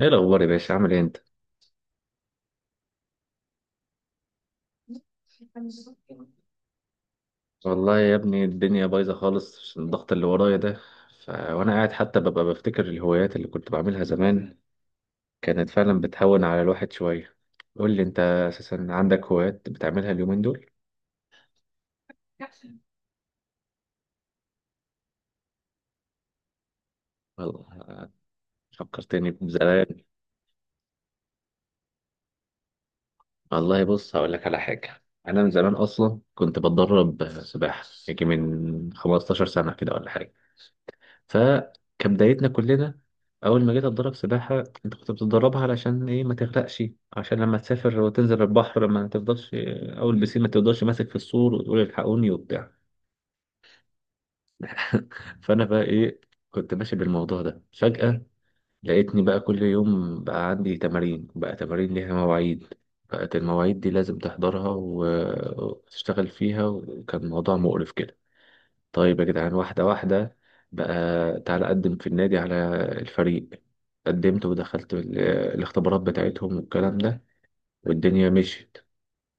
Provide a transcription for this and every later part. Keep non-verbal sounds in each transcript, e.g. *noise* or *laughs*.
ايه الاخبار يا باشا، عامل ايه انت؟ والله يا ابني، الدنيا بايظه خالص عشان الضغط اللي ورايا ده. وانا قاعد حتى ببقى بفتكر الهوايات اللي كنت بعملها زمان، كانت فعلا بتهون على الواحد شويه. قول لي انت، اساسا عندك هوايات بتعملها اليومين دول؟ والله فكرتني بزمان. والله بص، هقول لك على حاجه. انا من زمان اصلا كنت بتدرب سباحه، يجي من 15 سنه كده ولا حاجه. فكبدايتنا كلنا أول ما جيت أتدرب سباحة، أنت كنت بتتدربها علشان إيه؟ ما تغرقش، عشان لما تسافر وتنزل البحر ما تفضلش أول بسين ما تفضلش ماسك في السور وتقول الحقوني وبتاع. *laughs* فأنا بقى إيه، كنت ماشي بالموضوع ده، فجأة لقيتني بقى كل يوم بقى عندي تمارين، بقى تمارين ليها مواعيد، بقت المواعيد دي لازم تحضرها و- وتشتغل فيها، وكان موضوع مقرف كده. طيب يا جدعان، واحدة واحدة بقى، تعالى أقدم في النادي على الفريق. قدمت ودخلت الاختبارات بتاعتهم والكلام ده، والدنيا مشيت.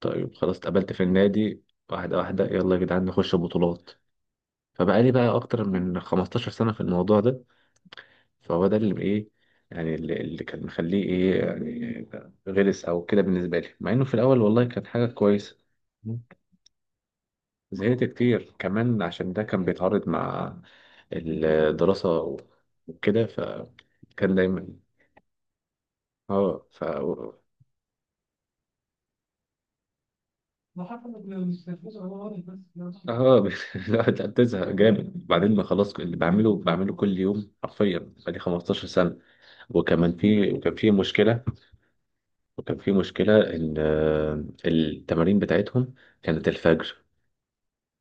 طيب خلاص اتقبلت في النادي، واحدة واحدة، يلا يا جدعان نخش بطولات. فبقالي بقى أكتر من 15 سنة في الموضوع ده. فهو ده اللي إيه، يعني اللي كان مخليه إيه، يعني غلس أو كده بالنسبة لي، مع إنه في الأول والله كان حاجة كويسة. زهقت كتير كمان عشان ده كان بيتعارض مع الدراسة وكده، فكان دايما. اه ف اه ب- *laughs* لا لا، بتزهق جامد بعدين، ما خلاص، اللي بعمله بعمله كل يوم حرفيا، بقالي 15 سنة. وكمان في وكان في مشكلة ان التمارين بتاعتهم كانت الفجر.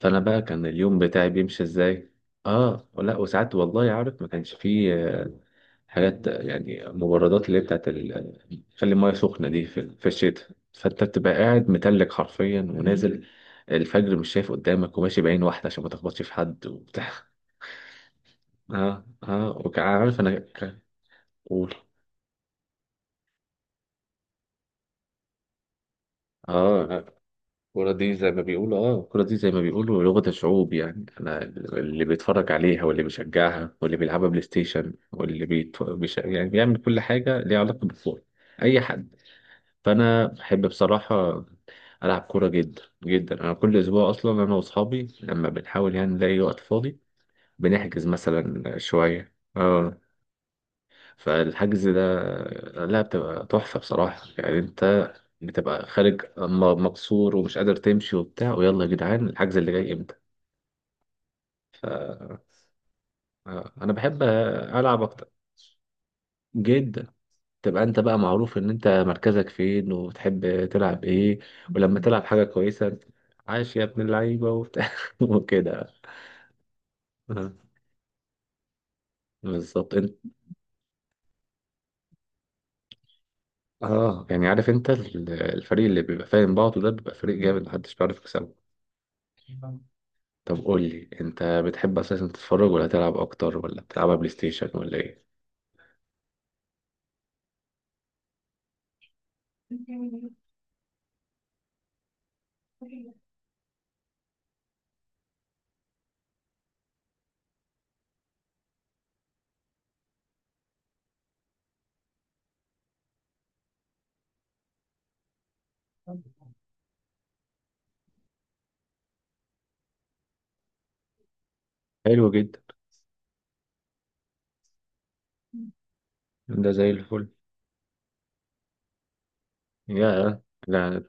فانا بقى كان اليوم بتاعي بيمشي ازاي؟ اه لا، وساعات والله عارف ما كانش فيه حاجات، يعني مبردات، اللي هي بتاعت خلي المايه سخنه دي، في الشتاء فانت بتبقى قاعد متلج حرفيا، ونازل الفجر مش شايف قدامك وماشي بعين واحده عشان ما تخبطش في حد وبتاع. *laughs* اه اه، وعارف انا، قول. اه الكورة دي زي ما بيقولوا لغة الشعوب، يعني أنا اللي بيتفرج عليها واللي بيشجعها واللي بيلعبها بلاي ستيشن، يعني بيعمل كل حاجة ليها علاقة بالكورة، أي حد. فأنا بحب بصراحة ألعب كورة جدا جدا، أنا كل أسبوع أصلا أنا وأصحابي لما بنحاول يعني نلاقي وقت فاضي بنحجز مثلا شوية. اه فالحجز ده، لا بتبقى تحفة بصراحة، يعني انت بتبقى خارج مكسور ومش قادر تمشي وبتاع، ويلا يا جدعان الحجز اللي جاي امتى. انا بحب العب اكتر جدا، تبقى انت بقى معروف ان انت مركزك فين وبتحب تلعب ايه، ولما تلعب حاجة كويسة، عاش يا ابن اللعيبة وبتاع *laughs* وكده. آه، بالظبط انت. اه، يعني عارف انت الفريق اللي بيبقى فاهم بعضه ده بيبقى فريق جامد، محدش بيعرف يكسبه. طب قول لي انت، بتحب اساسا تتفرج ولا تلعب اكتر، ولا بتلعبها بلاي ستيشن ولا ايه؟ حلو جدا. ده زي الفل. يا لا،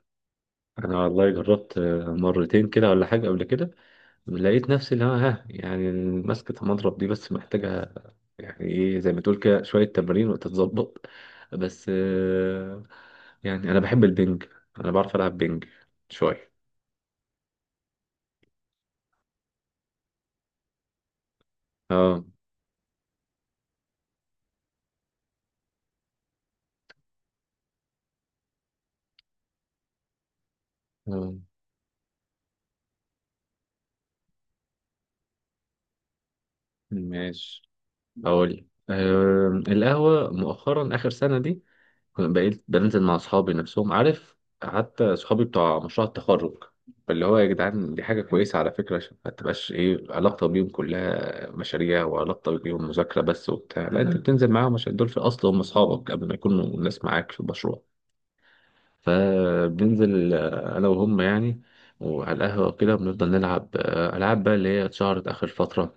انا والله جربت مرتين كده ولا حاجه قبل كده، لقيت نفسي اللي هو، يعني ماسكه المضرب دي، بس محتاجه يعني ايه، زي ما تقول كده شويه تمارين وتتظبط بس. يعني انا بحب البنج، انا بعرف العب بنج شويه. اه آه، ماشي، اقول. القهوه مؤخرا، اخر سنه دي كنت بقيت بنزل مع اصحابي نفسهم، عارف، حتى صحابي بتوع مشروع التخرج. فاللي هو، يا جدعان، دي حاجه كويسه على فكره، عشان ما تبقاش ايه، علاقتك بيهم كلها مشاريع وعلاقتك بيهم مذاكره بس وبتاع، لا انت بتنزل معاهم عشان دول في الاصل هم اصحابك قبل ما يكونوا الناس معاك في المشروع. فبننزل، انا وهم يعني، وعلى القهوه وكده بنفضل نلعب، العاب بقى اللي هي اتشهرت اخر فتره،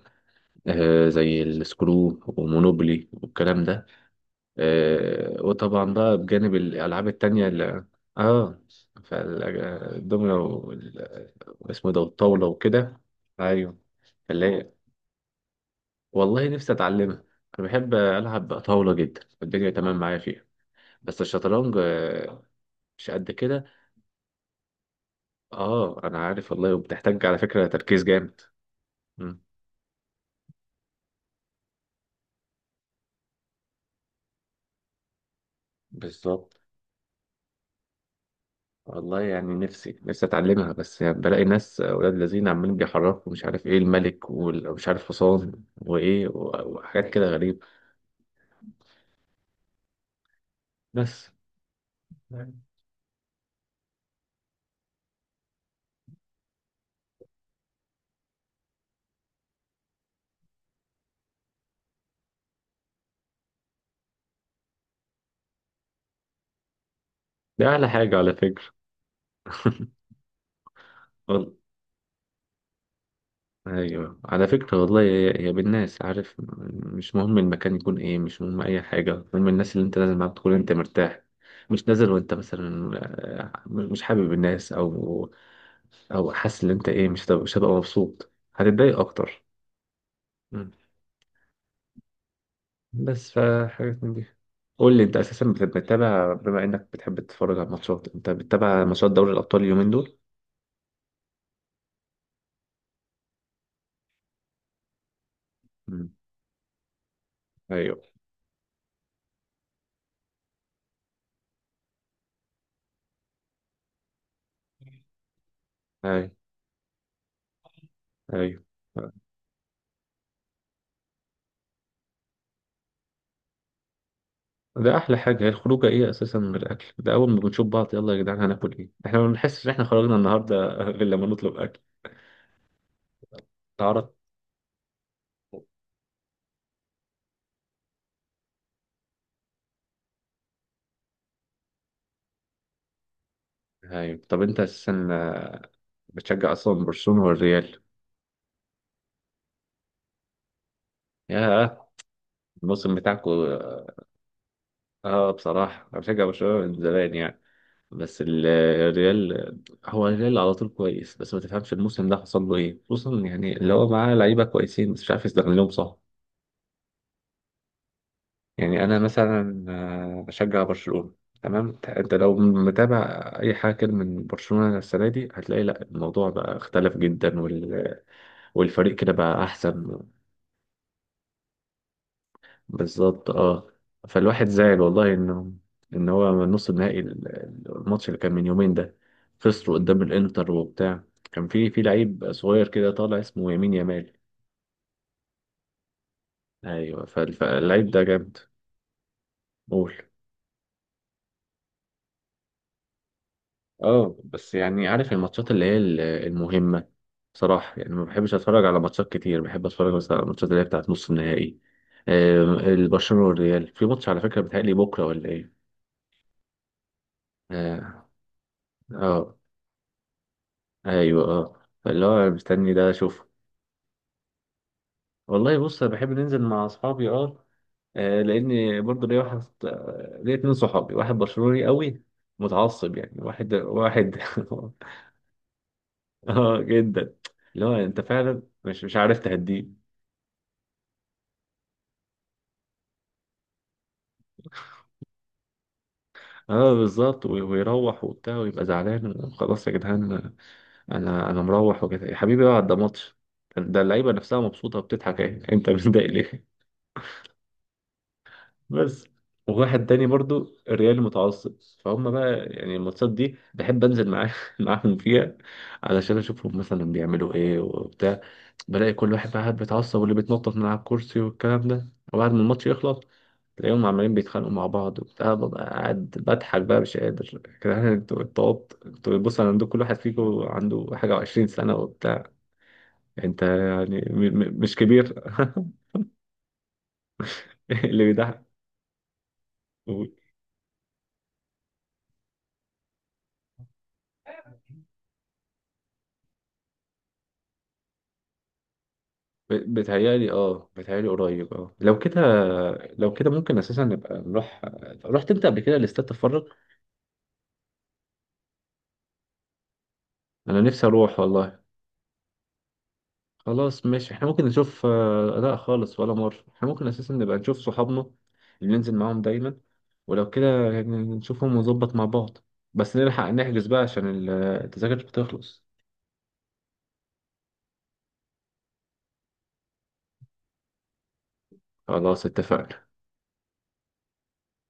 زي السكرو ومونوبولي والكلام ده. وطبعا بقى بجانب الألعاب التانية اللي اه فالدومينو واسمه ده، والطاولة وكده. ايوه، اللي هي والله نفسي اتعلمها. انا بحب العب طاولة جدا، والدنيا تمام معايا فيها، بس الشطرنج، مش قد كده. اه، انا عارف والله، وبتحتاج على فكرة تركيز جامد. مم، بالظبط. والله يعني نفسي نفسي اتعلمها، بس يعني بلاقي ناس اولاد لذين عمالين بيحركوا، مش عارف ايه الملك ومش عارف حصان وايه، و- وحاجات كده غريبة. بس ده اعلى حاجة على فكرة. *laughs* والله ايوه، على فكرة والله، هي هي بالناس، عارف. مش مهم المكان يكون ايه، مش مهم اي حاجة، المهم الناس اللي انت نازل معاها تكون انت مرتاح. مش نازل وانت مثلا مش حابب الناس، او حاسس ان انت ايه، مش هتبقى مبسوط، هتتضايق اكتر. بس، فحاجات من دي. قول لي انت، اساسا بتتابع بما انك بتحب تتفرج على الماتشات، انت بتتابع ماتشات دوري الابطال اليومين دول؟ مم. ايوه، ايوه، ايوه. آه. ده احلى حاجه، هي الخروجه ايه اساسا من الاكل ده، اول ما بنشوف بعض، يلا يا جدعان هناكل ايه؟ احنا ما بنحسش ان احنا خرجنا النهارده *laughs* غير لما نطلب اكل، تعرف. ايوه، طب انت اساسا بتشجع اصلا برشلونه والريال؟ ياه، الموسم بتاعكو. اه، بصراحه انا بشجع برشلونه من زمان يعني، بس الريال هو الريال على طول كويس، بس ما تفهمش الموسم ده حصل له ايه، خصوصا يعني اللي هو معاه لعيبه كويسين بس مش عارف يستغلهم صح. يعني انا مثلا بشجع برشلونه. تمام، انت لو متابع اي حاجه كده من برشلونه السنه دي، هتلاقي لا الموضوع بقى اختلف جدا، والفريق كده بقى احسن. بالظبط، اه. فالواحد زعل والله ان هو، من نص النهائي، الماتش اللي كان من يومين ده خسروا قدام الانتر وبتاع. كان في لعيب صغير كده طالع، اسمه يمين يامال. ايوه، فاللعيب ده جامد. قول. اه بس يعني عارف، الماتشات اللي هي المهمة. بصراحة يعني ما بحبش اتفرج على ماتشات كتير، بحب اتفرج بس على الماتشات اللي هي بتاعت نص النهائي. البرشلونة والريال في ماتش على فكرة، بيتهيألي بكرة ولا ايه؟ اه. آه. ايوه، اه. فاللي هو مستني ده اشوفه. والله بص، انا بحب ننزل مع اصحابي، اه. لان برضه ليا واحد، ليا اتنين صحابي، واحد برشلوني قوي متعصب، يعني واحد واحد. *laughs* اه جدا، اللي هو انت فعلا مش عارف تهديه. اه بالظبط، ويروح وبتاع ويبقى زعلان، خلاص يا جدعان انا مروح وكده، يا حبيبي اقعد ده ماتش، ده اللعيبه نفسها مبسوطه وبتضحك، اهي، انت متضايق ليه. بس. وواحد تاني برضو الريال متعصب، فهم بقى يعني الماتشات دي بحب انزل معاه *laughs* معاهم فيها، علشان اشوفهم مثلا بيعملوا ايه وبتاع. بلاقي كل واحد بقى قاعد بيتعصب، واللي بيتنطط من على الكرسي والكلام ده، وبعد ما الماتش يخلص تلاقيهم عمالين بيتخانقوا مع بعض وبتاع، ببقى قاعد بضحك بقى مش قادر *laughs* كده، يعني انتوا اتطوبت، انتوا بص انا عندكم كل واحد فيكم عنده حاجة وعشرين سنة وبتاع، انت يعني مش كبير. *laughs* اللي بيضحك. بتهيألي، اه، بتهيألي قريب، اه. لو كده ممكن اساسا نبقى نروح. رحت انت قبل كده لاستاد تتفرج؟ انا نفسي اروح والله. خلاص ماشي احنا ممكن نشوف. لا خالص ولا مرة، احنا ممكن اساسا نبقى نشوف صحابنا اللي ننزل معاهم دايما، ولو كده يعني نشوفهم ونظبط مع بعض، بس نلحق نحجز بقى عشان التذاكر بتخلص. خلاص اتفقنا.